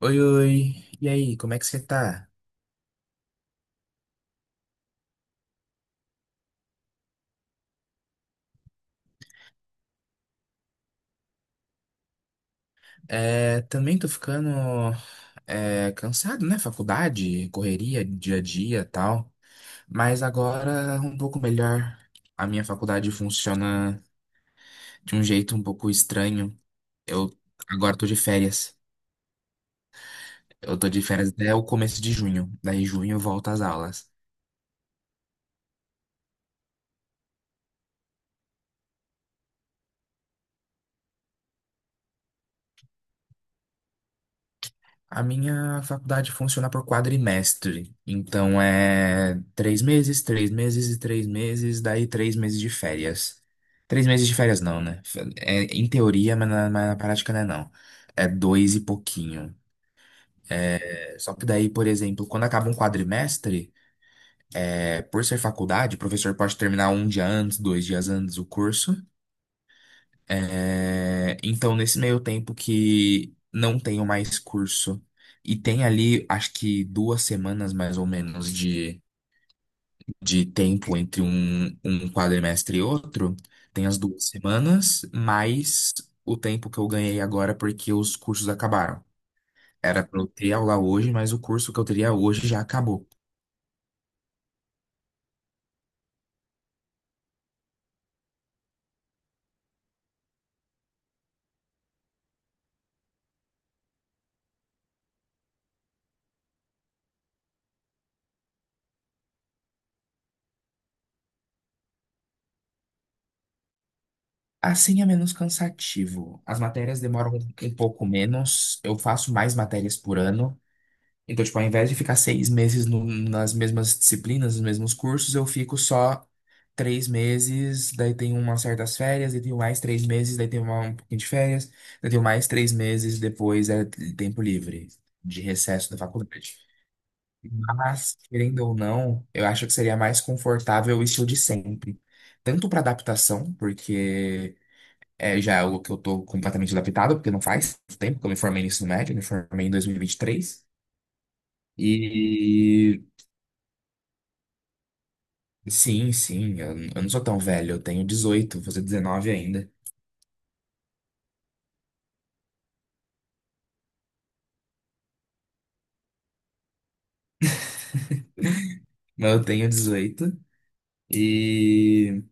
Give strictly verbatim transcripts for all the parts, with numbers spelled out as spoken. Oi, oi. E aí, como é que você tá? É, também tô ficando é, cansado, né? Faculdade, correria, dia a dia, e tal. Mas agora um pouco melhor. A minha faculdade funciona de um jeito um pouco estranho. Eu agora tô de férias. Eu tô de férias até o começo de junho. Daí junho volta às aulas. A minha faculdade funciona por quadrimestre, então é três meses, três meses e três meses, daí três meses de férias. Três meses de férias não, né? É, em teoria, mas na, mas na prática não é não. É dois e pouquinho. É, só que daí, por exemplo, quando acaba um quadrimestre, é, por ser faculdade, o professor pode terminar um dia antes, dois dias antes o curso. É, então, nesse meio tempo que não tenho mais curso e tem ali, acho que duas semanas mais ou menos de, de tempo entre um, um quadrimestre e outro, tem as duas semanas, mais o tempo que eu ganhei agora porque os cursos acabaram. Era para eu ter aula hoje, mas o curso que eu teria hoje já acabou. Assim é menos cansativo. As matérias demoram um pouco menos, eu faço mais matérias por ano. Então, tipo, ao invés de ficar seis meses no- nas mesmas disciplinas, nos mesmos cursos, eu fico só três meses, daí tenho umas certas férias, daí tenho mais três meses, daí tenho uma- um pouquinho de férias, daí tenho mais três meses, depois é tempo livre de recesso da faculdade. Mas, querendo ou não, eu acho que seria mais confortável o estilo de sempre. Tanto para adaptação, porque é já é algo que eu tô completamente adaptado, porque não faz tempo que eu me formei no ensino médio, eu me formei em dois mil e e vinte e três. E Sim, sim, eu, eu não sou tão velho, eu tenho dezoito vou fazer dezenove ainda. Mas eu tenho dezoito e,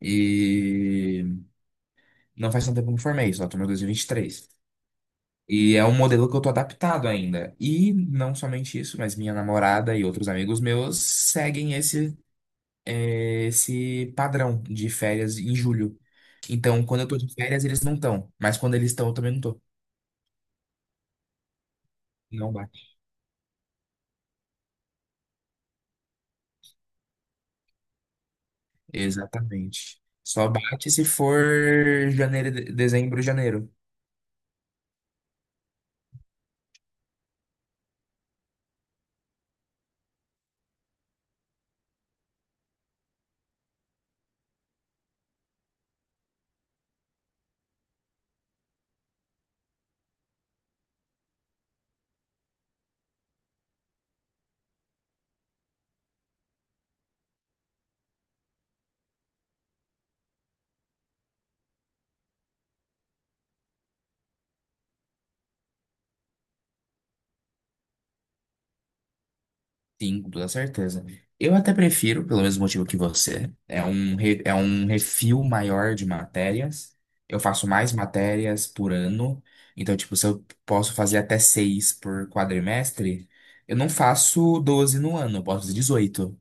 e não faz tanto tempo que eu me formei, só tô no dois mil e vinte e três. E vinte e três. E é um modelo que eu tô adaptado ainda. E não somente isso, mas minha namorada e outros amigos meus seguem esse, eh, esse padrão de férias em julho. Então, quando eu tô de férias, eles não estão. Mas quando eles estão, eu também não tô. Não. Exatamente. Só bate se for janeiro, de- dezembro, janeiro. Sim, com toda certeza. Eu até prefiro, pelo mesmo motivo que você. É um, re- é um refil maior de matérias. Eu faço mais matérias por ano. Então, tipo, se eu posso fazer até seis por quadrimestre, eu não faço doze no ano, eu posso fazer dezoito.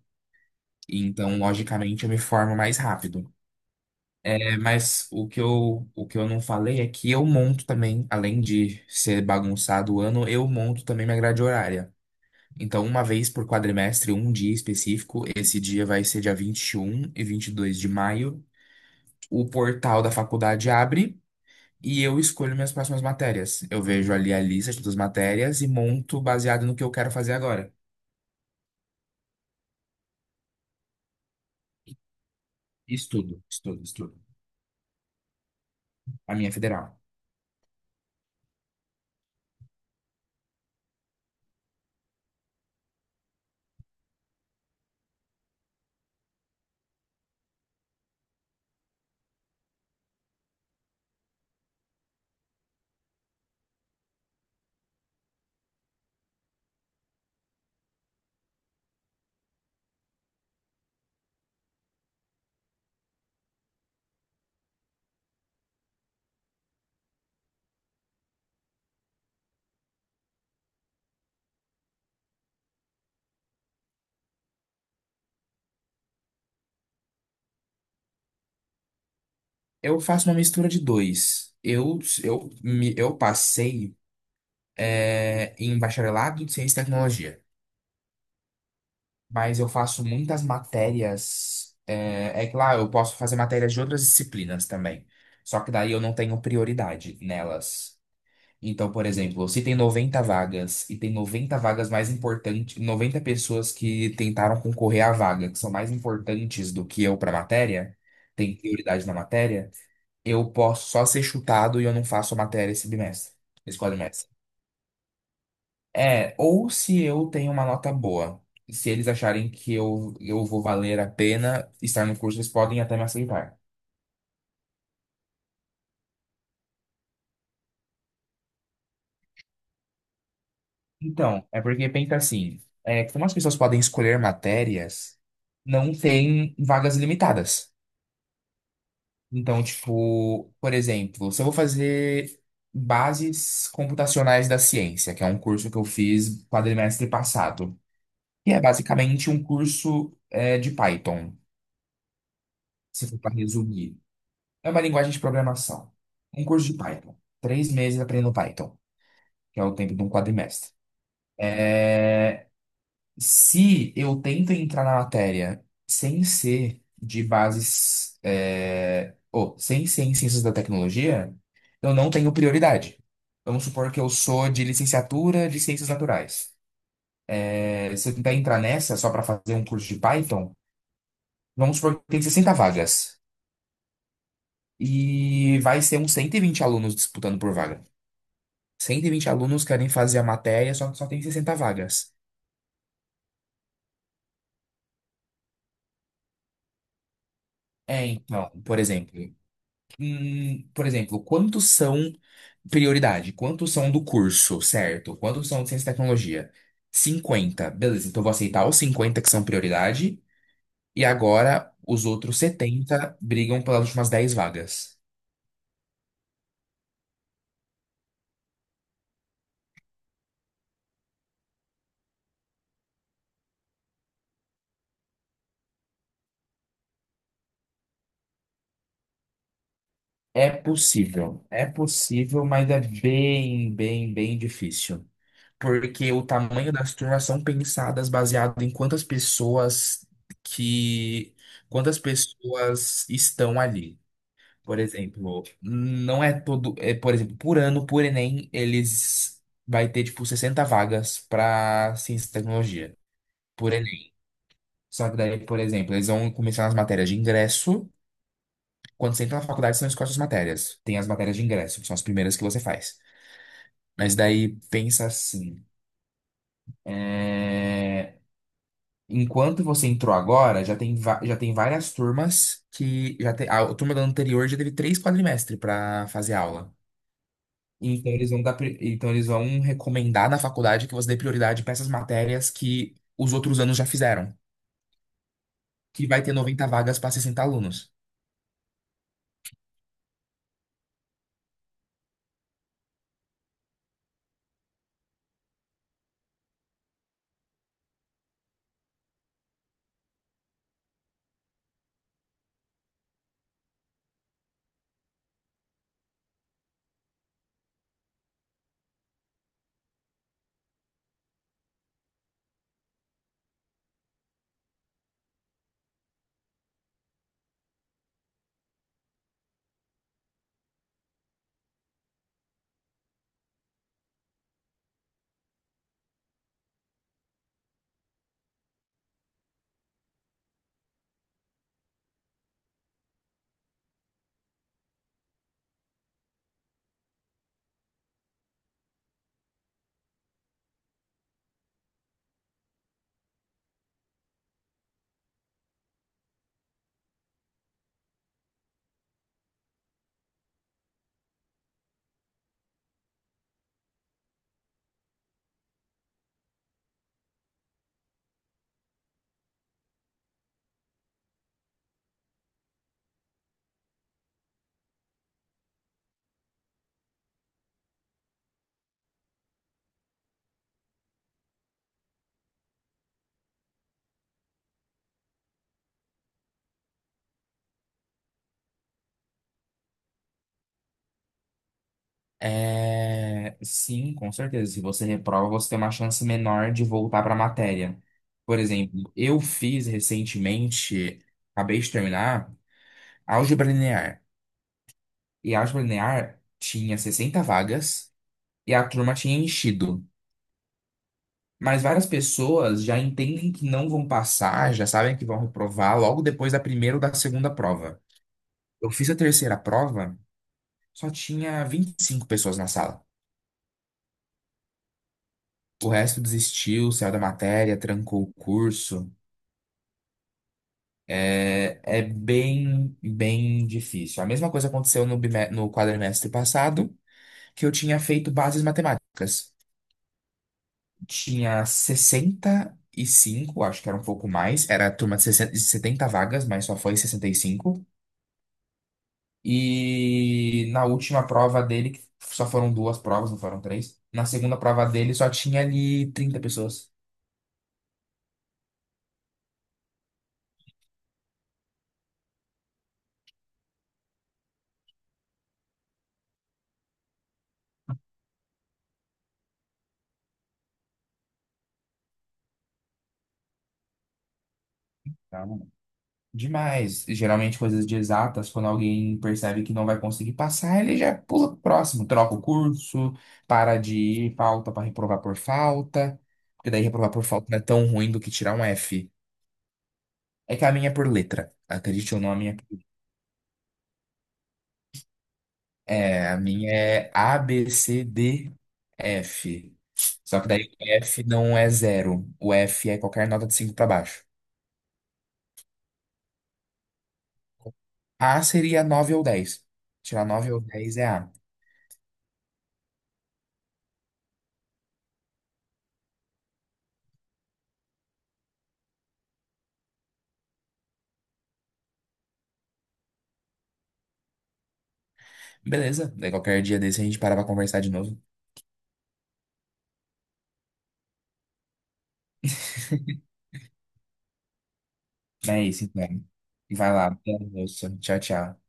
Então, logicamente, eu me formo mais rápido. É, mas o que eu, o que eu não falei é que eu monto também, além de ser bagunçado o ano, eu monto também minha grade horária. Então, uma vez por quadrimestre, um dia específico, esse dia vai ser dia vinte e um e e vinte e dois de maio, o portal da faculdade abre e eu escolho minhas próximas matérias. Eu vejo ali a lista de todas as matérias e monto baseado no que eu quero fazer agora. Estudo, estudo, estudo. A minha é federal. Eu faço uma mistura de dois. Eu, eu, me- eu passei. é, em bacharelado em ciência e tecnologia. Mas eu faço muitas matérias. É, é que lá eu posso fazer matérias de outras disciplinas também. Só que daí eu não tenho prioridade nelas. Então, por exemplo, se tem noventa vagas e tem noventa vagas mais importantes, noventa pessoas que tentaram concorrer à vaga, que são mais importantes do que eu para a matéria, tem prioridade na matéria, eu posso só ser chutado e eu não faço a matéria esse bimestre, esse quadrimestre. É, ou se eu tenho uma nota boa. Se eles acharem que eu, eu vou valer a pena estar no curso, eles podem até me aceitar. Então, é porque pensa assim, é, como as pessoas podem escolher matérias, não tem vagas limitadas. Então, tipo, por exemplo, se eu vou fazer Bases Computacionais da Ciência, que é um curso que eu fiz quadrimestre passado, que é basicamente um curso, é, de Python, se for para resumir. É uma linguagem de programação. Um curso de Python. Três meses aprendendo Python, que é o tempo de um quadrimestre. Se eu tento entrar na matéria sem ser de bases, é, ou sem ser em ciências da tecnologia, eu não tenho prioridade. Vamos supor que eu sou de licenciatura de ciências naturais. É, se eu tentar entrar nessa só para fazer um curso de Python, vamos supor que tem sessenta vagas. E vai ser uns cento e vinte alunos disputando por vaga. Cento e vinte alunos querem fazer a matéria, só que só tem sessenta vagas. É, então, por exemplo, hum, por exemplo, quantos são prioridade? Quantos são do curso, certo? Quantos são de ciência e tecnologia? Cinquenta. Beleza, então eu vou aceitar os cinquenta que são prioridade e agora os outros setenta brigam pelas últimas dez vagas. É possível, é possível, mas é bem, bem, bem difícil. Porque o tamanho das turmas são pensadas baseado em quantas pessoas que, quantas pessoas estão ali. Por exemplo, não é todo, é, por exemplo, por ano, por Enem, eles vai ter tipo sessenta vagas para ciência e tecnologia, por Enem. Só que daí, por exemplo, eles vão começar nas matérias de ingresso quando você entra na faculdade, você não escolhe as matérias. Tem as matérias de ingresso, que são as primeiras que você faz. Mas daí, pensa assim. é, Enquanto você entrou agora, já tem, va- já tem várias turmas que já tem. A turma da anterior já teve três quadrimestres para fazer aula. Então eles vão dar, pri- então eles vão recomendar na faculdade que você dê prioridade para essas matérias que os outros anos já fizeram, que vai ter noventa vagas para sessenta alunos. É, sim, com certeza. Se você reprova, você tem uma chance menor de voltar para a matéria. Por exemplo, eu fiz recentemente, acabei de terminar, álgebra linear. E a álgebra linear tinha sessenta vagas e a turma tinha enchido. Mas várias pessoas já entendem que não vão passar, já sabem que vão reprovar logo depois da primeira ou da segunda prova. Eu fiz a terceira prova, só tinha vinte e cinco pessoas na sala. O resto desistiu, saiu da matéria, trancou o curso. É, é bem, bem difícil. A mesma coisa aconteceu no, bime- no quadrimestre passado, que eu tinha feito bases matemáticas. Tinha sessenta e cinco, acho que era um pouco mais, era a turma de sessenta de setenta vagas, mas só foi sessenta e cinco. E na última prova dele, que só foram duas provas, não foram três. Na segunda prova dele só tinha ali trinta pessoas. Demais. Geralmente coisas de exatas, quando alguém percebe que não vai conseguir passar, ele já pula pro próximo, troca o curso, para de ir, falta para reprovar por falta. Porque daí reprovar por falta não é tão ruim do que tirar um F. É que a minha é por letra. Acredite ou não, a minha é, a minha é A, B, C, D, F. Só que daí o F não é zero. O F é qualquer nota de cinco para baixo. A seria nove ou dez. Tirar nove ou dez é A. Beleza, daí qualquer dia desse a gente para pra conversar de novo. É isso, então. Vai lá, até a almoço. Tchau, tchau.